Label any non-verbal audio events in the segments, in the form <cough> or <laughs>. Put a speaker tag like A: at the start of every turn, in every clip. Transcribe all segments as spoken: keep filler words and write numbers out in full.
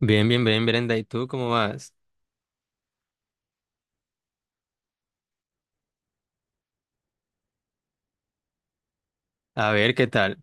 A: Bien, bien, bien, Brenda. ¿Y tú cómo vas? A ver, ¿qué tal?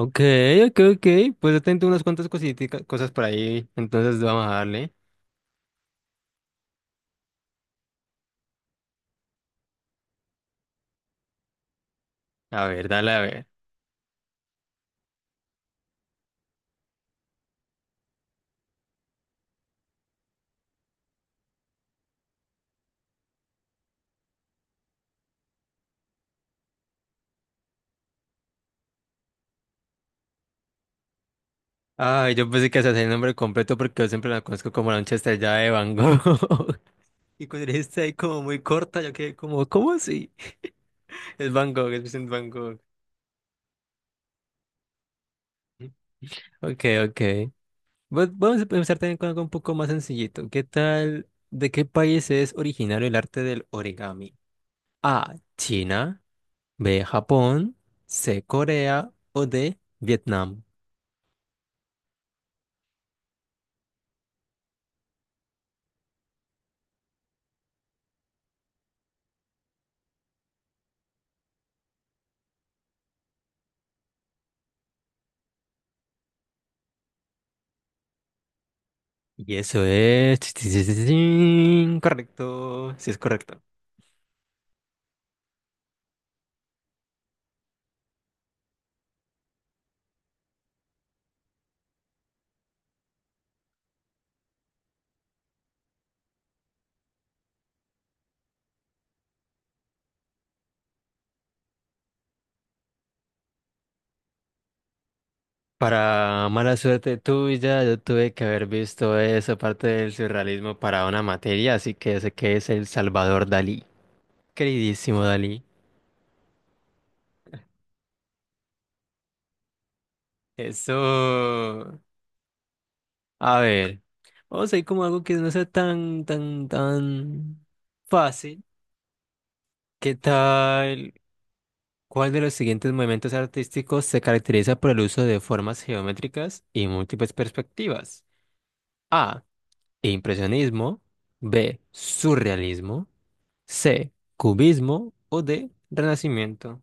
A: Ok, ok, ok. Pues yo tengo unas cuantas cositas, cosas por ahí. Entonces vamos a darle. A ver, dale, a ver. Ay, yo pensé que hacía el nombre completo porque yo siempre la conozco como la noche estrellada de Van Gogh. <laughs> Y cuando dijiste ahí como muy corta, yo quedé como, ¿cómo así? Es Van Gogh, es Vincent Van Gogh. Ok, ok. Bueno, vamos a empezar también con algo un poco más sencillito. ¿Qué tal? ¿De qué país es originario el arte del origami? A, China. B, Japón. C, Corea. O D, Vietnam. Y eso es <tsk> correcto, sí es correcto. Para mala suerte tuya, yo tuve que haber visto esa parte del surrealismo para una materia, así que sé que es el Salvador Dalí. Queridísimo Dalí. Eso. A ver, vamos a ir como algo que no sea tan, tan, tan fácil. ¿Qué tal? ¿Cuál de los siguientes movimientos artísticos se caracteriza por el uso de formas geométricas y múltiples perspectivas? A, Impresionismo. B, Surrealismo. C, Cubismo. O D, Renacimiento.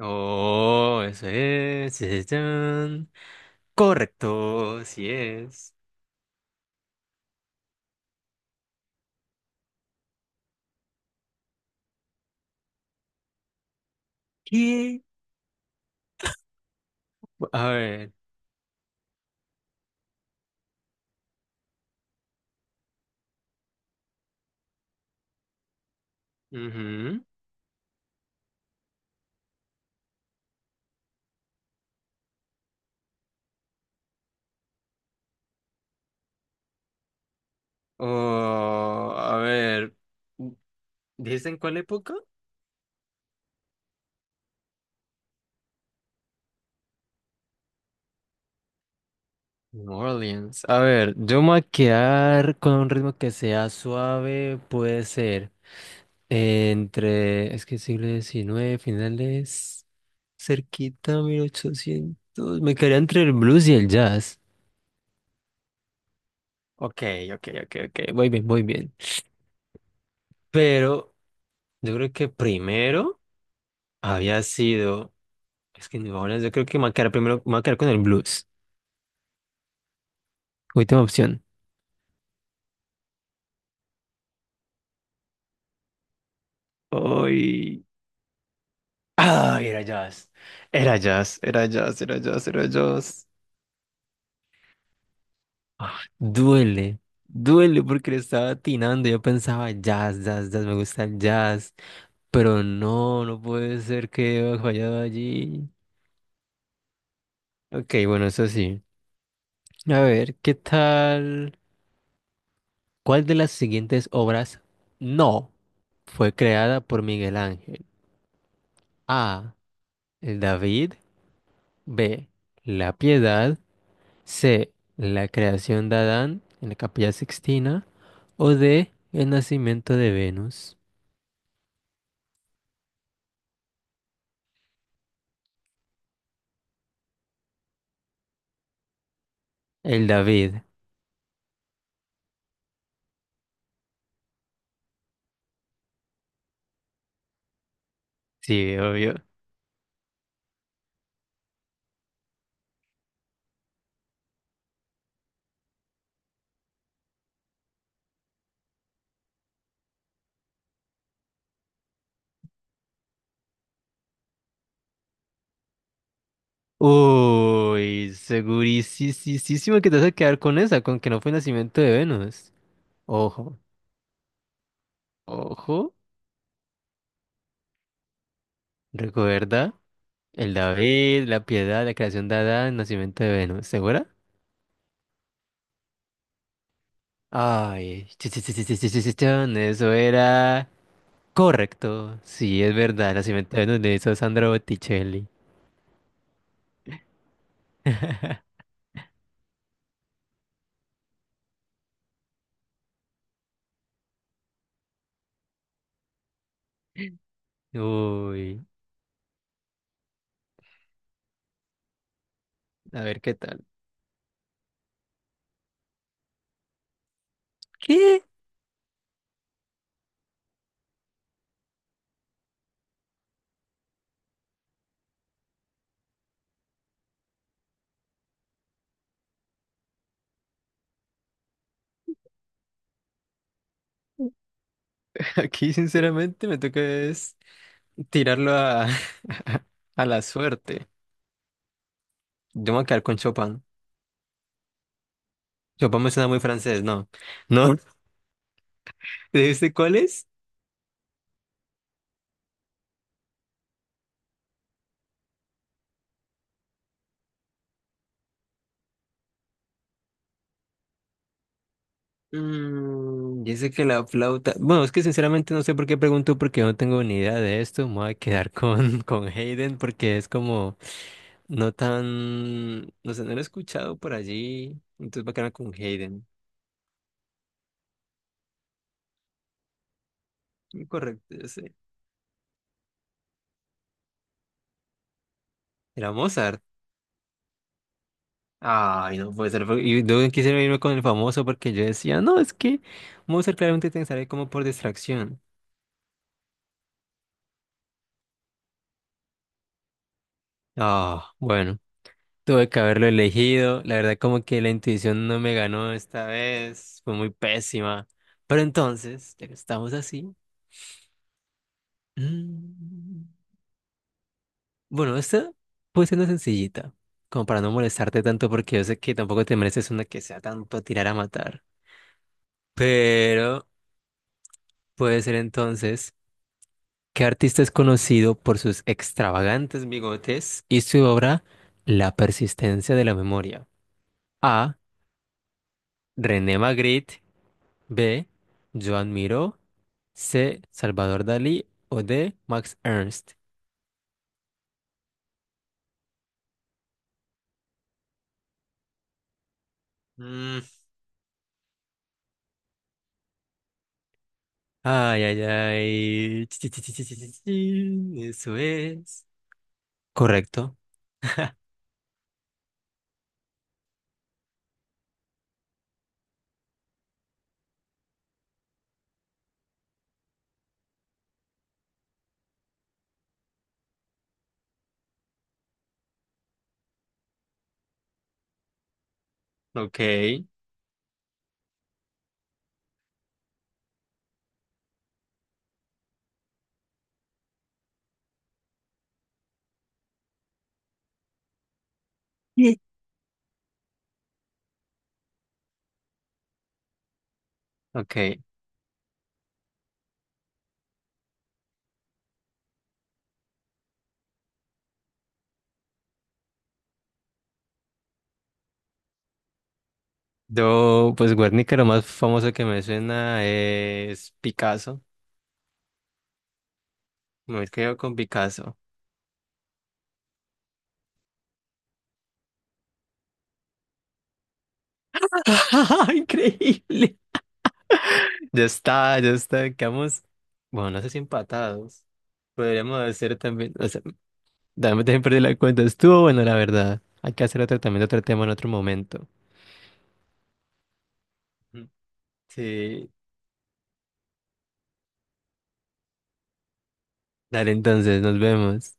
A: Oh, eso es. Sí, sí, chan. Correcto, sí es. ¿Qué? A ver. Ujú. Oh, a ver. ¿Dijiste en cuál época? New Orleans. A ver, yo me voy a quedar con un ritmo que sea suave, puede ser eh, entre, es que siglo diecinueve finales, cerquita, mil ochocientos, me quedaría entre el blues y el jazz. Ok, ok, ok, ok, muy bien, muy bien. Pero yo creo que primero había sido, es que New Orleans, yo creo que me voy a quedar primero, me voy a quedar con el blues. Última opción. Ay, ah, era jazz. Era jazz, era jazz, era jazz, era jazz. Ah, duele, duele porque le estaba atinando. Yo pensaba jazz, jazz, jazz, me gusta el jazz. Pero no, no puede ser que haya fallado allí. Ok, bueno, eso sí. A ver, ¿qué tal? ¿Cuál de las siguientes obras no fue creada por Miguel Ángel? A, El David. B, La Piedad. C, La creación de Adán en la Capilla Sixtina. O D, El nacimiento de Venus. El David. Sí, obvio. Uy, segurísimo que te vas a quedar con esa, con que no fue nacimiento de Venus. Ojo, ojo, recuerda el David, la piedad, la creación de Adán, nacimiento de Venus. ¿Segura? Ay, sí, sí, sí, sí, sí, sí, sí, sí, chon, eso era correcto. Sí, es verdad, nacimiento de Venus le hizo Sandra Botticelli. Uy, a ver qué tal. ¿Qué? <laughs> Aquí, sinceramente, me toca es. Tirarlo a, <laughs> a la suerte. Yo me voy a quedar con Chopin. Chopin me suena muy francés, ¿no? ¿No? ¿Dijiste cuál es? Mm, yo sé que la flauta. Bueno, es que sinceramente no sé por qué pregunto, porque yo no tengo ni idea de esto. Me voy a quedar con, <laughs> con Hayden, porque es como no tan. No sé, no lo he escuchado por allí. Entonces va a quedar con Hayden. Correcto, yo sé. Era Mozart. Ay, no puede ser. fue- Y yo quisiera irme con el famoso porque yo decía, no, es que Mozart claramente te sale como por distracción. Ah, bueno, tuve que haberlo elegido. La verdad, como que la intuición no me ganó esta vez. Fue muy pésima. Pero entonces, ya que estamos así. mm, Bueno, esta puede ser una sencillita. Como para no molestarte tanto, porque yo sé que tampoco te mereces una que sea tanto a tirar a matar. Pero puede ser entonces. ¿Qué artista es conocido por sus extravagantes bigotes y su obra La persistencia de la memoria? A, René Magritte. B, Joan Miró. C, Salvador Dalí. O D, Max Ernst. Mm, ay, ay, ay. Chi, chi, chi, chi, chi, chi, chi. Eso es. Correcto. <laughs> Ok. Sí. Ok. Yo, pues Guernica, lo más famoso que me suena es Picasso. Me quedo con Picasso. <laughs> Increíble. Ya está, ya está. Quedamos, bueno, no sé si empatados. Podríamos hacer también, o sea, dame también perdí la cuenta. Estuvo bueno, la verdad. Hay que hacer otro también, otro tema en otro momento. Ujú. Sí. Dale, entonces, nos vemos.